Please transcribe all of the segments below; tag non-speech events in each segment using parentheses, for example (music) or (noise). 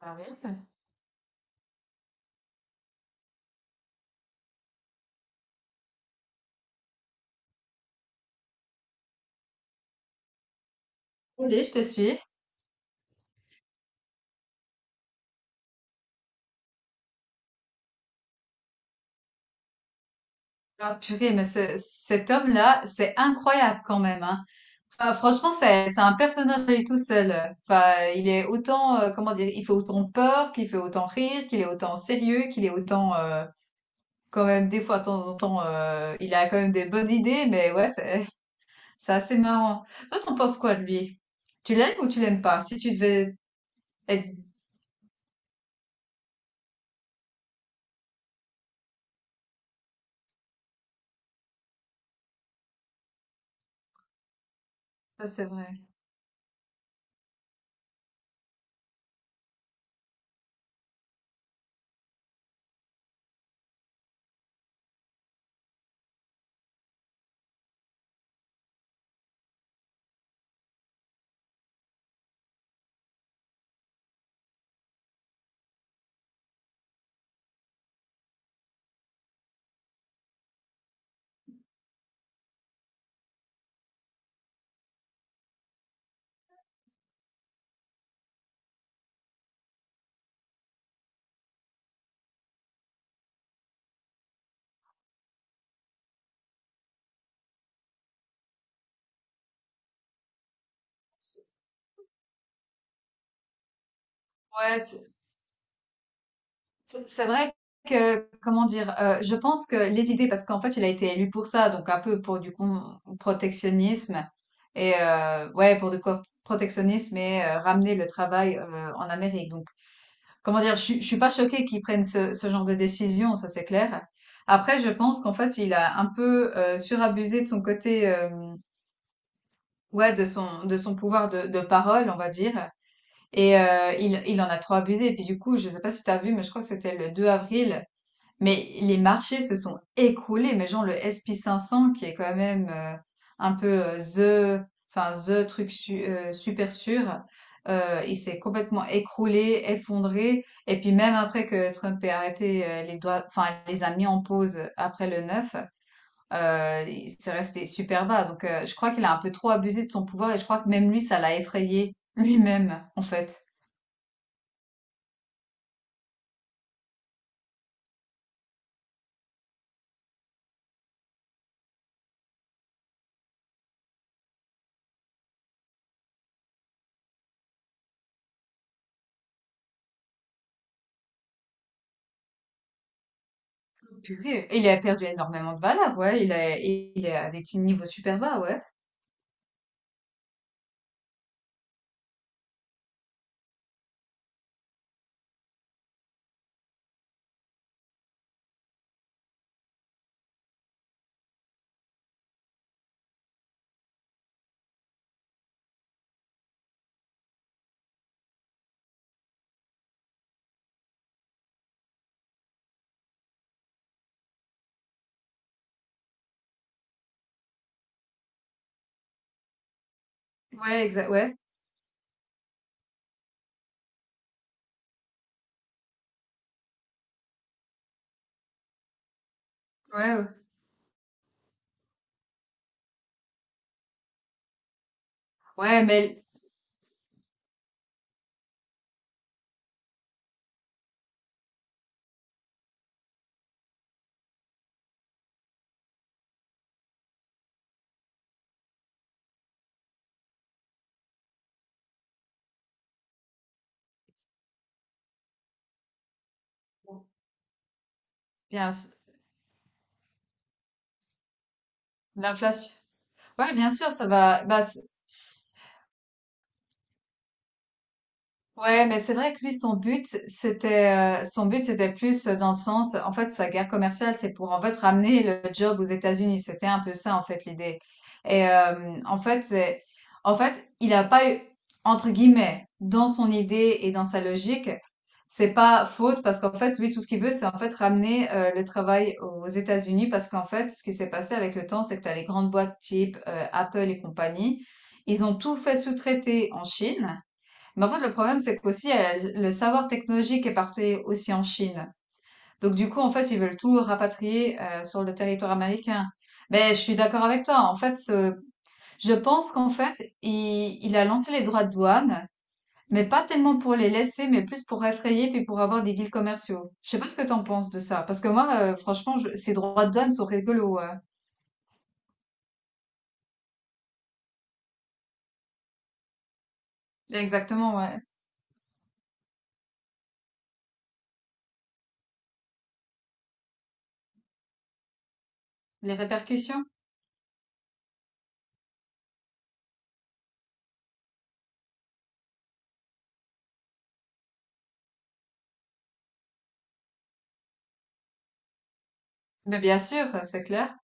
Ah oui. Allez, je te suis. Ah, purée, mais cet homme-là, c'est incroyable quand même, hein. Enfin, franchement, c'est un personnage à lui tout seul. Enfin, il est autant, comment dire, il fait autant peur, qu'il fait autant rire, qu'il est autant sérieux, qu'il est autant, quand même, des fois, de temps en temps, il a quand même des bonnes idées, mais ouais, c'est (laughs) c'est assez marrant. Toi, t'en penses quoi de lui? Tu l'aimes ou tu l'aimes pas? Si tu devais être... Ça, c'est vrai. C'est- Ouais, c'est vrai que, comment dire, je pense que les idées, parce qu'en fait, il a été élu pour ça, donc un peu pour du protectionnisme et ouais, pour du protectionnisme et ramener le travail en Amérique. Donc, comment dire, je suis pas choquée qu'ils prennent ce genre de décision, ça c'est clair. Après, je pense qu'en fait, il a un peu surabusé de son côté, ouais, de son pouvoir de parole, on va dire. Et il en a trop abusé. Et puis du coup, je sais pas si tu as vu, mais je crois que c'était le 2 avril. Mais les marchés se sont écroulés, mais genre le S&P 500 qui est quand même un peu enfin super sûr, il s'est complètement écroulé, effondré. Et puis même après que Trump ait arrêté les doigts, enfin les a mis en pause après le 9, s'est resté super bas. Donc je crois qu'il a un peu trop abusé de son pouvoir et je crois que même lui, ça l'a effrayé lui-même en fait. Purée, il a perdu énormément de valeur, ouais. Il est à des petits niveaux super bas, ouais. Ouais, exact, ouais, ouais, ouais, Ouais, mais bien, l'inflation. Ouais, bien sûr, ça va. Bah, Ouais, mais c'est vrai que lui, son but, c'était plus dans le sens, en fait, sa guerre commerciale, c'est pour, en fait, ramener le job aux États-Unis. C'était un peu ça, en fait, l'idée. Et, en fait, c'est, en fait, il a pas eu, entre guillemets, dans son idée et dans sa logique, c'est pas faute parce qu'en fait, lui, tout ce qu'il veut, c'est, en fait, ramener, le travail aux États-Unis parce qu'en fait, ce qui s'est passé avec le temps, c'est que t'as les grandes boîtes type, Apple et compagnie. Ils ont tout fait sous-traiter en Chine. Mais en fait, le problème, c'est qu'aussi, le savoir technologique est parti aussi en Chine. Donc, du coup, en fait, ils veulent tout rapatrier sur le territoire américain. Ben, je suis d'accord avec toi. En fait, je pense qu'en fait, il a lancé les droits de douane, mais pas tellement pour les laisser, mais plus pour effrayer puis pour avoir des deals commerciaux. Je sais pas ce que t'en penses de ça, parce que moi, franchement, ces droits de douane sont rigolos. Ouais. Exactement, ouais. Les répercussions. Mais bien sûr, c'est clair.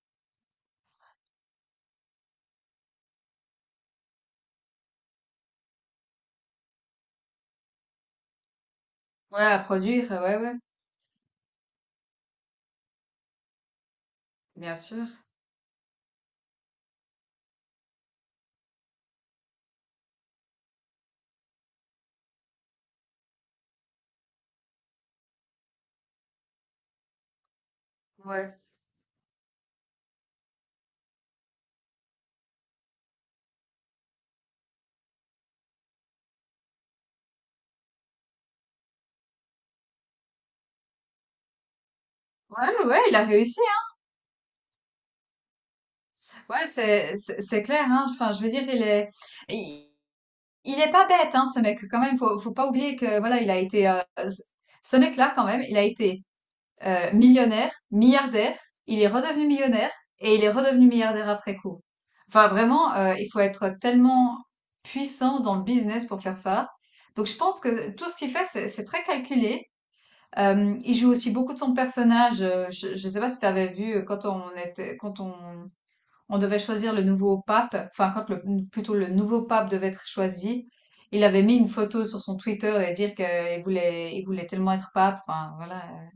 Ouais, à produire, ouais, ouais, bien sûr. Ouais. Ouais, ouais, il a réussi, hein. Ouais, c'est clair. Hein. Enfin, je veux dire, il, il est pas bête, hein, ce mec. Quand même, faut pas oublier que voilà, il a été c- ce mec-là quand même, il a été millionnaire, milliardaire. Il est redevenu millionnaire et il est redevenu milliardaire après coup. Enfin, vraiment, il faut être tellement puissant dans le business pour faire ça. Donc, je pense que tout ce qu'il fait, c'est très calculé. Il joue aussi beaucoup de son personnage. Je ne sais pas si tu avais vu quand on devait choisir le nouveau pape, enfin quand plutôt le nouveau pape devait être choisi, il avait mis une photo sur son Twitter et dire qu'il voulait tellement être pape, enfin voilà,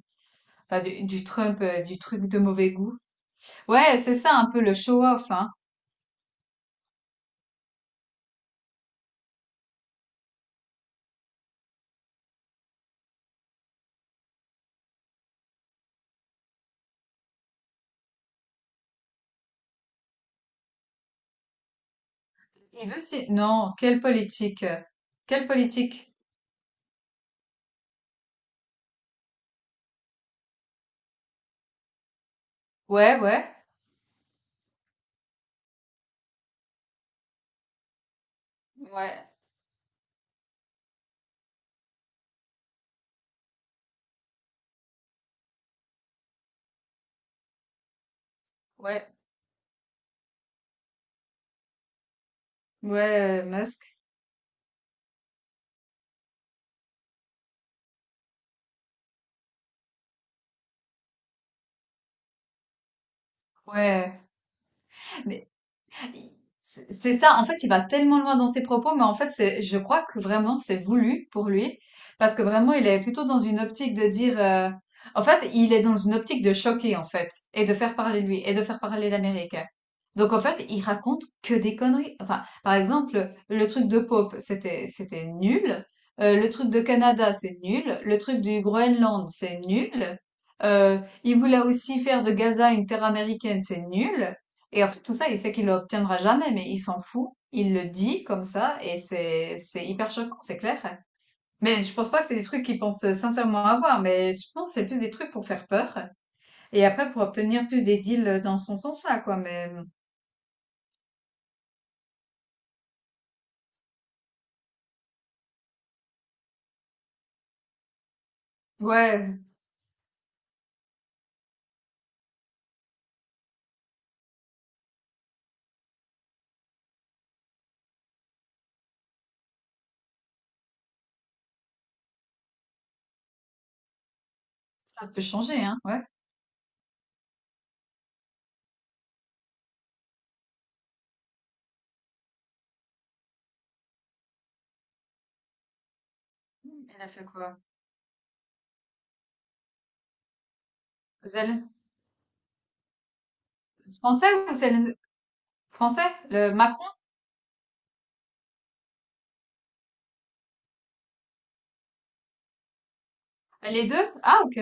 enfin, du Trump, du truc de mauvais goût. Ouais, c'est ça un peu le show-off, hein. Il veut si... Non, quelle politique? Quelle politique? Ouais, ouais, ouais, ouais, ouais, Musk. Ouais. Mais I c'est ça, en fait, il va tellement loin dans ses propos, mais en fait, c'est, je crois que vraiment, c'est voulu pour lui, parce que vraiment, il est plutôt dans une optique de dire, en fait, il est dans une optique de choquer, en fait, et de faire parler de lui, et de faire parler l'Amérique. Donc, en fait, il raconte que des conneries. Enfin, par exemple, le truc de Pope, c'était, c'était nul. Le truc de Canada, c'est nul. Le truc du Groenland, c'est nul. Il voulait aussi faire de Gaza une terre américaine, c'est nul. Et en fait, tout ça, il sait qu'il ne l'obtiendra jamais, mais il s'en fout. Il le dit comme ça, et c'est hyper choquant, c'est clair. Mais je pense pas que c'est des trucs qu'il pense sincèrement avoir, mais je pense que c'est plus des trucs pour faire peur. Et après, pour obtenir plus des deals dans son sens-là, quoi. Mais ouais, ça peut changer, hein. Ouais. Elle a fait quoi? Zelen- Français ou Français? Le Macron? Les deux? Ah, ok.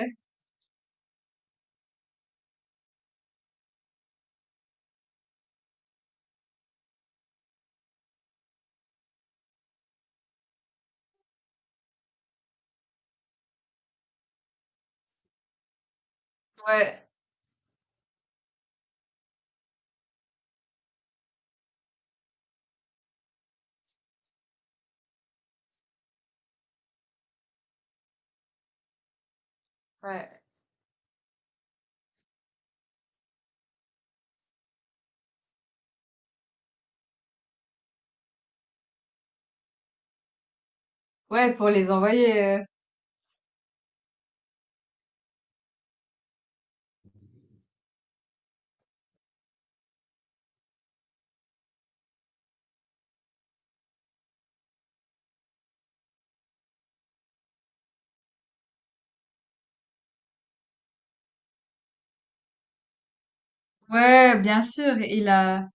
Ouais. Ouais. Ouais, pour les envoyer. Ouais, bien sûr. Il a.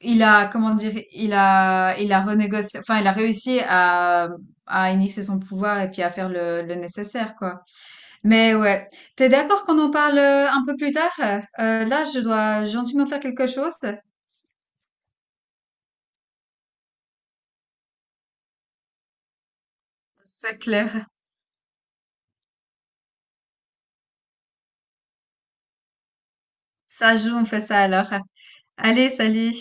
Il a, comment dire, il a renégocié, enfin, il a réussi à initier son pouvoir et puis à faire le nécessaire, quoi. Mais ouais. T'es d'accord qu'on en parle un peu plus tard? Là, je dois gentiment faire quelque chose. C'est clair. Ça joue, on fait ça alors. Allez, salut!